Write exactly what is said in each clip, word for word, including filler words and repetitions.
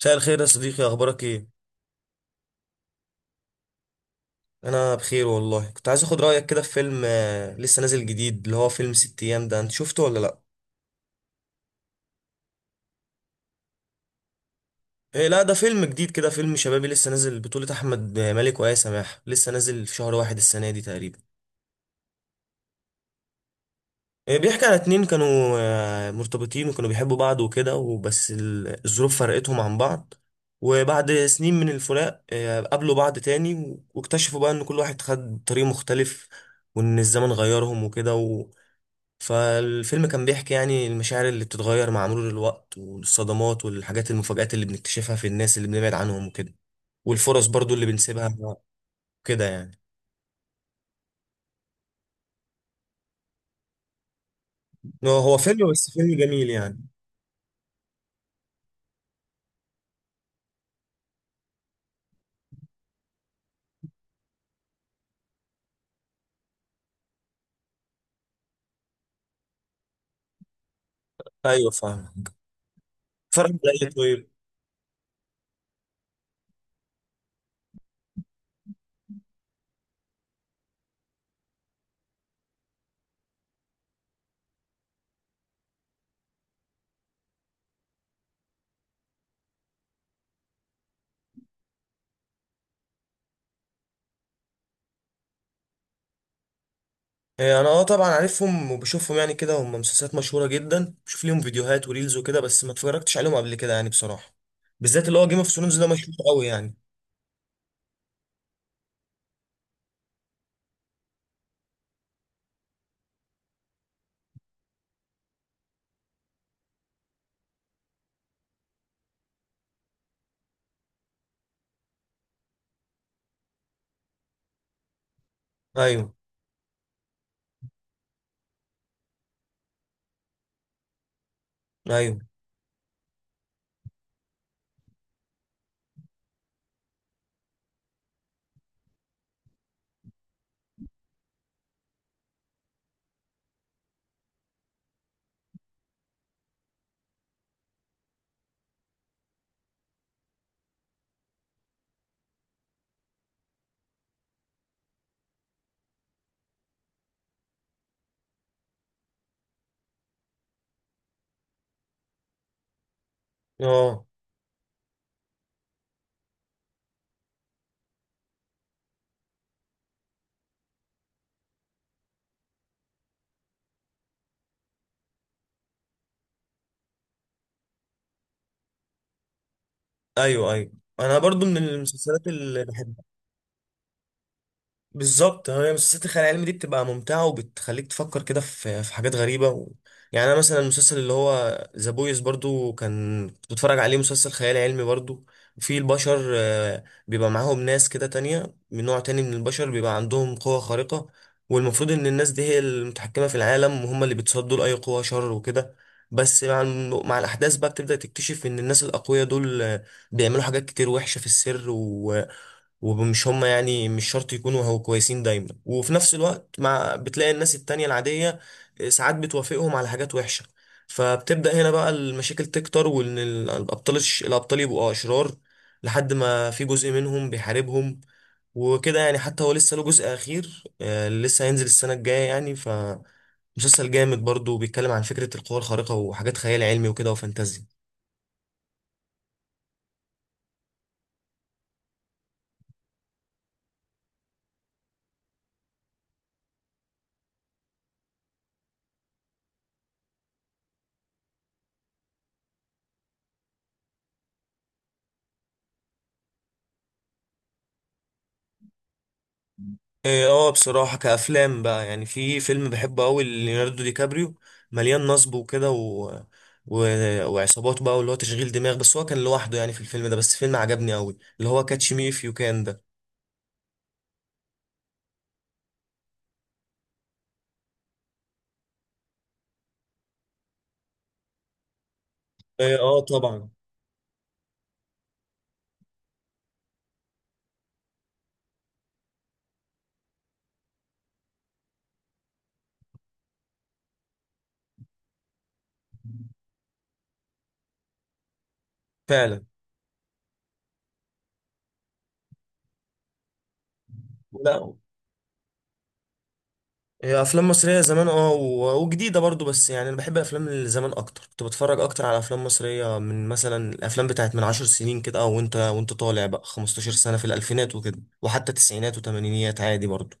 مساء الخير يا صديقي، اخبارك ايه؟ انا بخير والله. كنت عايز اخد رايك كده في فيلم آه، لسه نازل جديد، اللي هو فيلم ست ايام ده. انت شفته ولا لا؟ إيه لا، ده فيلم جديد كده، فيلم شبابي لسه نازل، بطولة احمد مالك وآية سماح. لسه نازل في شهر واحد السنه دي تقريبا. إيه، بيحكي على اتنين كانوا آه، مرتبطين، وكانوا بيحبوا بعض وكده، وبس ال- الظروف فرقتهم عن بعض. وبعد سنين من الفراق آه، قابلوا بعض تاني، واكتشفوا بقى ان كل واحد خد طريق مختلف، وان الزمن غيرهم وكده. فالفيلم كان بيحكي يعني المشاعر اللي بتتغير مع مرور الوقت، والصدمات والحاجات المفاجآت اللي بنكتشفها في الناس اللي بنبعد عنهم وكده، والفرص برضو اللي بنسيبها كده يعني. هو هو فيلم، بس فيلم جميل يعني. ايوه فاهمك. اتفرج على ايه طيب؟ إيه، انا اه طبعا عارفهم وبشوفهم يعني كده، هم مسلسلات مشهورة جدا، بشوف ليهم فيديوهات وريلز وكده، بس ما اتفرجتش عليهم قبل كده يعني بصراحة. بالذات اللي هو جيم اوف ثرونز ده مشهور قوي يعني. ايوه ايوه. اه ايوه ايوه. انا برضو من المسلسلات اللي بحبها. بالظبط، هي مسلسلات الخيال العلمي دي بتبقى ممتعة، وبتخليك تفكر كده في في حاجات غريبة و... يعني أنا مثلا المسلسل اللي هو ذا بويز برضو كان كنت بتفرج عليه، مسلسل خيال علمي برضو. في البشر آه، بيبقى معاهم ناس كده تانية من نوع تاني من البشر، بيبقى عندهم قوة خارقة. والمفروض إن الناس دي هي المتحكمة في العالم، وهم اللي بيتصدوا لأي قوة شر وكده. بس مع الم- مع الأحداث بقى بتبدأ تكتشف إن الناس الأقوياء دول آه، بيعملوا حاجات كتير وحشة في السر و... ومش هم يعني مش شرط يكونوا هو كويسين دايما. وفي نفس الوقت مع بتلاقي الناس التانية العادية ساعات بتوافقهم على حاجات وحشة. فبتبدأ هنا بقى المشاكل تكتر، وإن ال- الأبطال الش- الأبطال يبقوا أشرار، لحد ما في جزء منهم بيحاربهم وكده يعني. حتى هو لسه له جزء أخير آه، لسه هينزل السنة الجاية يعني. فمسلسل جامد برضه، بيتكلم عن فكرة القوى الخارقة وحاجات خيال علمي وكده وفانتازيا. إيه، اه بصراحة كأفلام بقى، يعني في فيلم بحبه أوي ليوناردو دي كابريو، مليان نصب وكده و... و... وعصابات بقى، واللي هو تشغيل دماغ، بس هو كان لوحده يعني في الفيلم ده. بس فيلم عجبني أوي اللي هو كاتش مي إف يو كان ده. إيه، اه طبعا. فعلا. لا. إيه، أفلام مصرية زمان اه و... وجديدة برضو، بس يعني أنا بحب الأفلام اللي زمان أكتر. كنت بتفرج أكتر على أفلام مصرية من مثلا الأفلام بتاعت من عشر سنين كده، أو وأنت وأنت طالع بقى خمستاشر سنة، في الألفينات وكده، وحتى تسعينات وتمانينيات عادي برضو.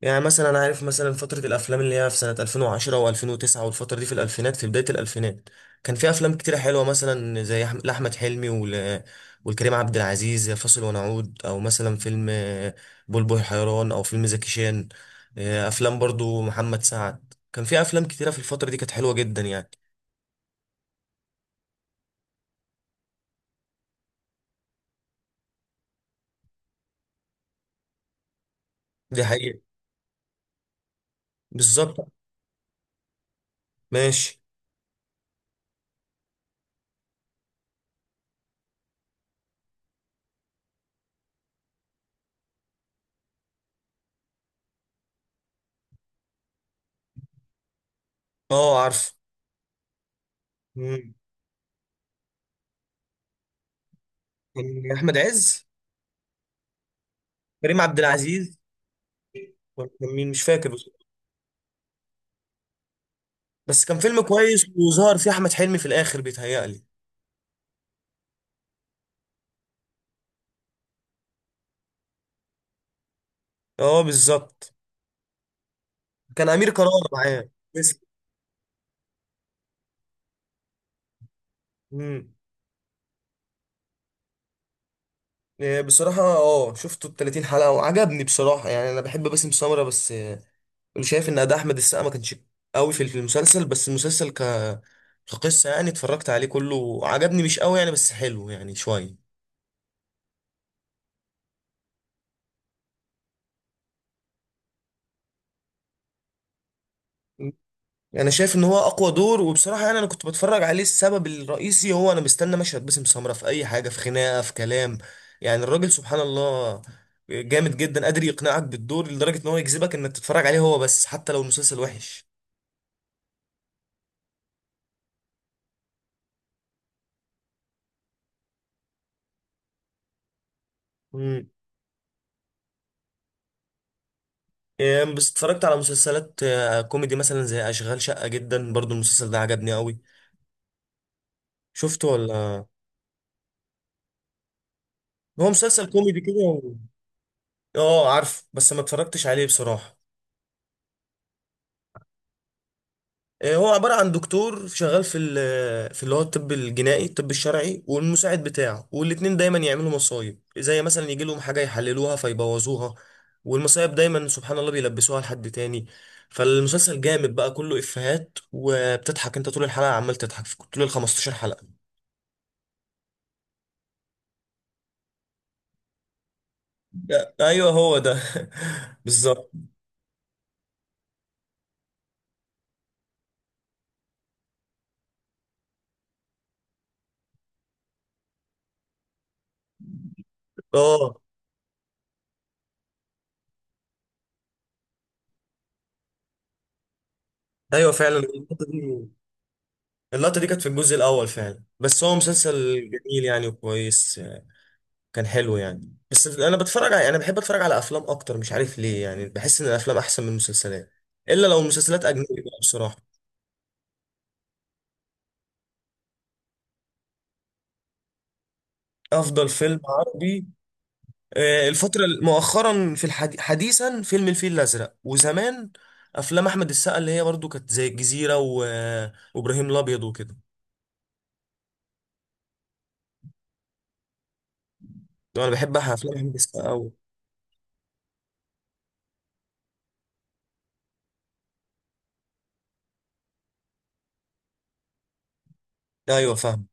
يعني مثلا انا عارف مثلا فترة الافلام اللي هي في سنة الفين وعشرة و2009، والفترة دي في الالفينات، في بداية الالفينات كان في افلام كتيرة حلوة، مثلا زي أحم- لاحمد حلمي ول... والكريم عبد العزيز، زي فاصل ونعود، او مثلا فيلم آه، بلبل حيران، او فيلم زكي شان. آه، افلام برضو محمد سعد كان في افلام كتيرة في الفترة دي كانت حلوة جدا يعني. دي حقيقة. بالظبط. ماشي. اه عارف. مم. كان احمد عز؟ كريم عبد العزيز؟ كان مين مش فاكر. بس كان فيلم كويس، وظهر فيه احمد حلمي في الاخر بيتهيألي. اه بالظبط. كان امير كرارة معاه. بس. امم. إيه، بصراحة اه شفته ال تلاتين حلقة وعجبني بصراحة، يعني انا بحب باسم سمرة، بس آه، شايف ان اداء احمد السقا ما كانش قوي في في المسلسل. بس المسلسل ك كقصة يعني اتفرجت عليه كله، عجبني مش قوي يعني بس حلو يعني شوية. انا شايف ان هو اقوى دور، وبصراحه يعني انا كنت بتفرج عليه السبب الرئيسي هو انا مستني مشهد باسم سمره في اي حاجه، في خناقه في كلام. يعني الراجل سبحان الله جامد جدا، قادر يقنعك بالدور لدرجه ان هو يجذبك انك تتفرج عليه هو بس حتى لو المسلسل وحش. امم. يعني بس اتفرجت على مسلسلات آه، كوميدي، مثلا زي اشغال شقه، جدا برضو المسلسل ده عجبني قوي. شفته ولا؟ هو مسلسل كوميدي كده و- اه عارف بس ما اتفرجتش عليه بصراحه. آه، هو عبارة عن دكتور شغال في ال- في اللي هو الطب الجنائي، الطب الشرعي، والمساعد بتاعه، والاتنين دايما يعملوا مصايب. زي مثلا يجي لهم حاجة يحللوها فيبوظوها، والمصايب دايما سبحان الله بيلبسوها لحد تاني. فالمسلسل جامد بقى، كله إفيهات وبتضحك انت طول الحلقة، عمال تضحك في طول ال خمسة عشر حلقة. ده- ايوه هو ده بالظبط. اه ايوه فعلا اللقطة دي. اللقطة دي كانت في الجزء الأول فعلا. بس هو مسلسل جميل يعني وكويس. كان حلو يعني، بس انا بتفرج على، انا بحب اتفرج على افلام اكتر، مش عارف ليه، يعني بحس ان الافلام احسن من المسلسلات، الا لو مسلسلات اجنبي بقى بصراحه. افضل فيلم عربي آه، الفتره ال- مؤخرا في الحدي... حديثا فيلم الفيل الازرق. وزمان افلام احمد السقا اللي هي برضو كانت زي الجزيره و... وابراهيم الابيض وكده. انا بحب افلام احمد السقا قوي. ايوه فاهم.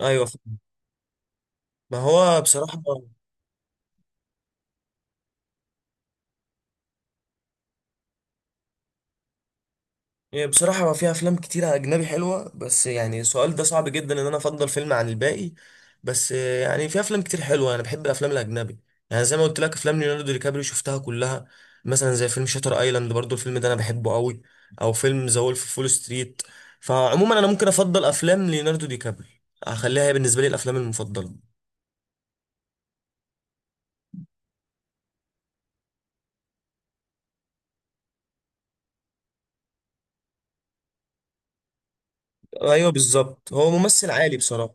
ايوه فاهم. ما هو بصراحه. يعني بصراحة هو في أفلام كتيرة أجنبي حلوة، بس يعني السؤال ده صعب جدا إن أنا أفضل فيلم عن الباقي. بس آه، يعني في أفلام كتير حلوة، أنا بحب الأفلام الأجنبي. يعني زي ما قلت لك أفلام ليوناردو دي كابريو شفتها كلها. مثلا زي فيلم شاتر أيلاند، برضو الفيلم ده أنا بحبه قوي. أو فيلم ذا وولف فول ستريت. فعموما أنا ممكن أفضل أفلام ليوناردو دي كابريو، أخليها هي بالنسبة لي الأفلام المفضلة. أيوه بالظبط، هو ممثل عالي بصراحة.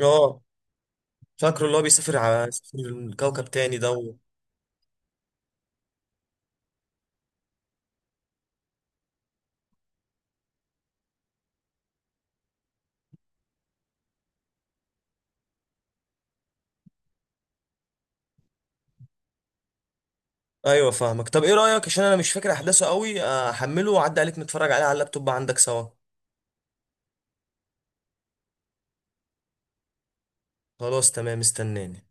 أه. فاكره اللي هو بيسافر على كوكب تاني ده؟ ايوه فاهمك. طب ايه رايك، عشان انا مش فاكر احداثه قوي، احمله واعدي عليك نتفرج عليه على اللابتوب عندك سوا. خلاص تمام، استناني.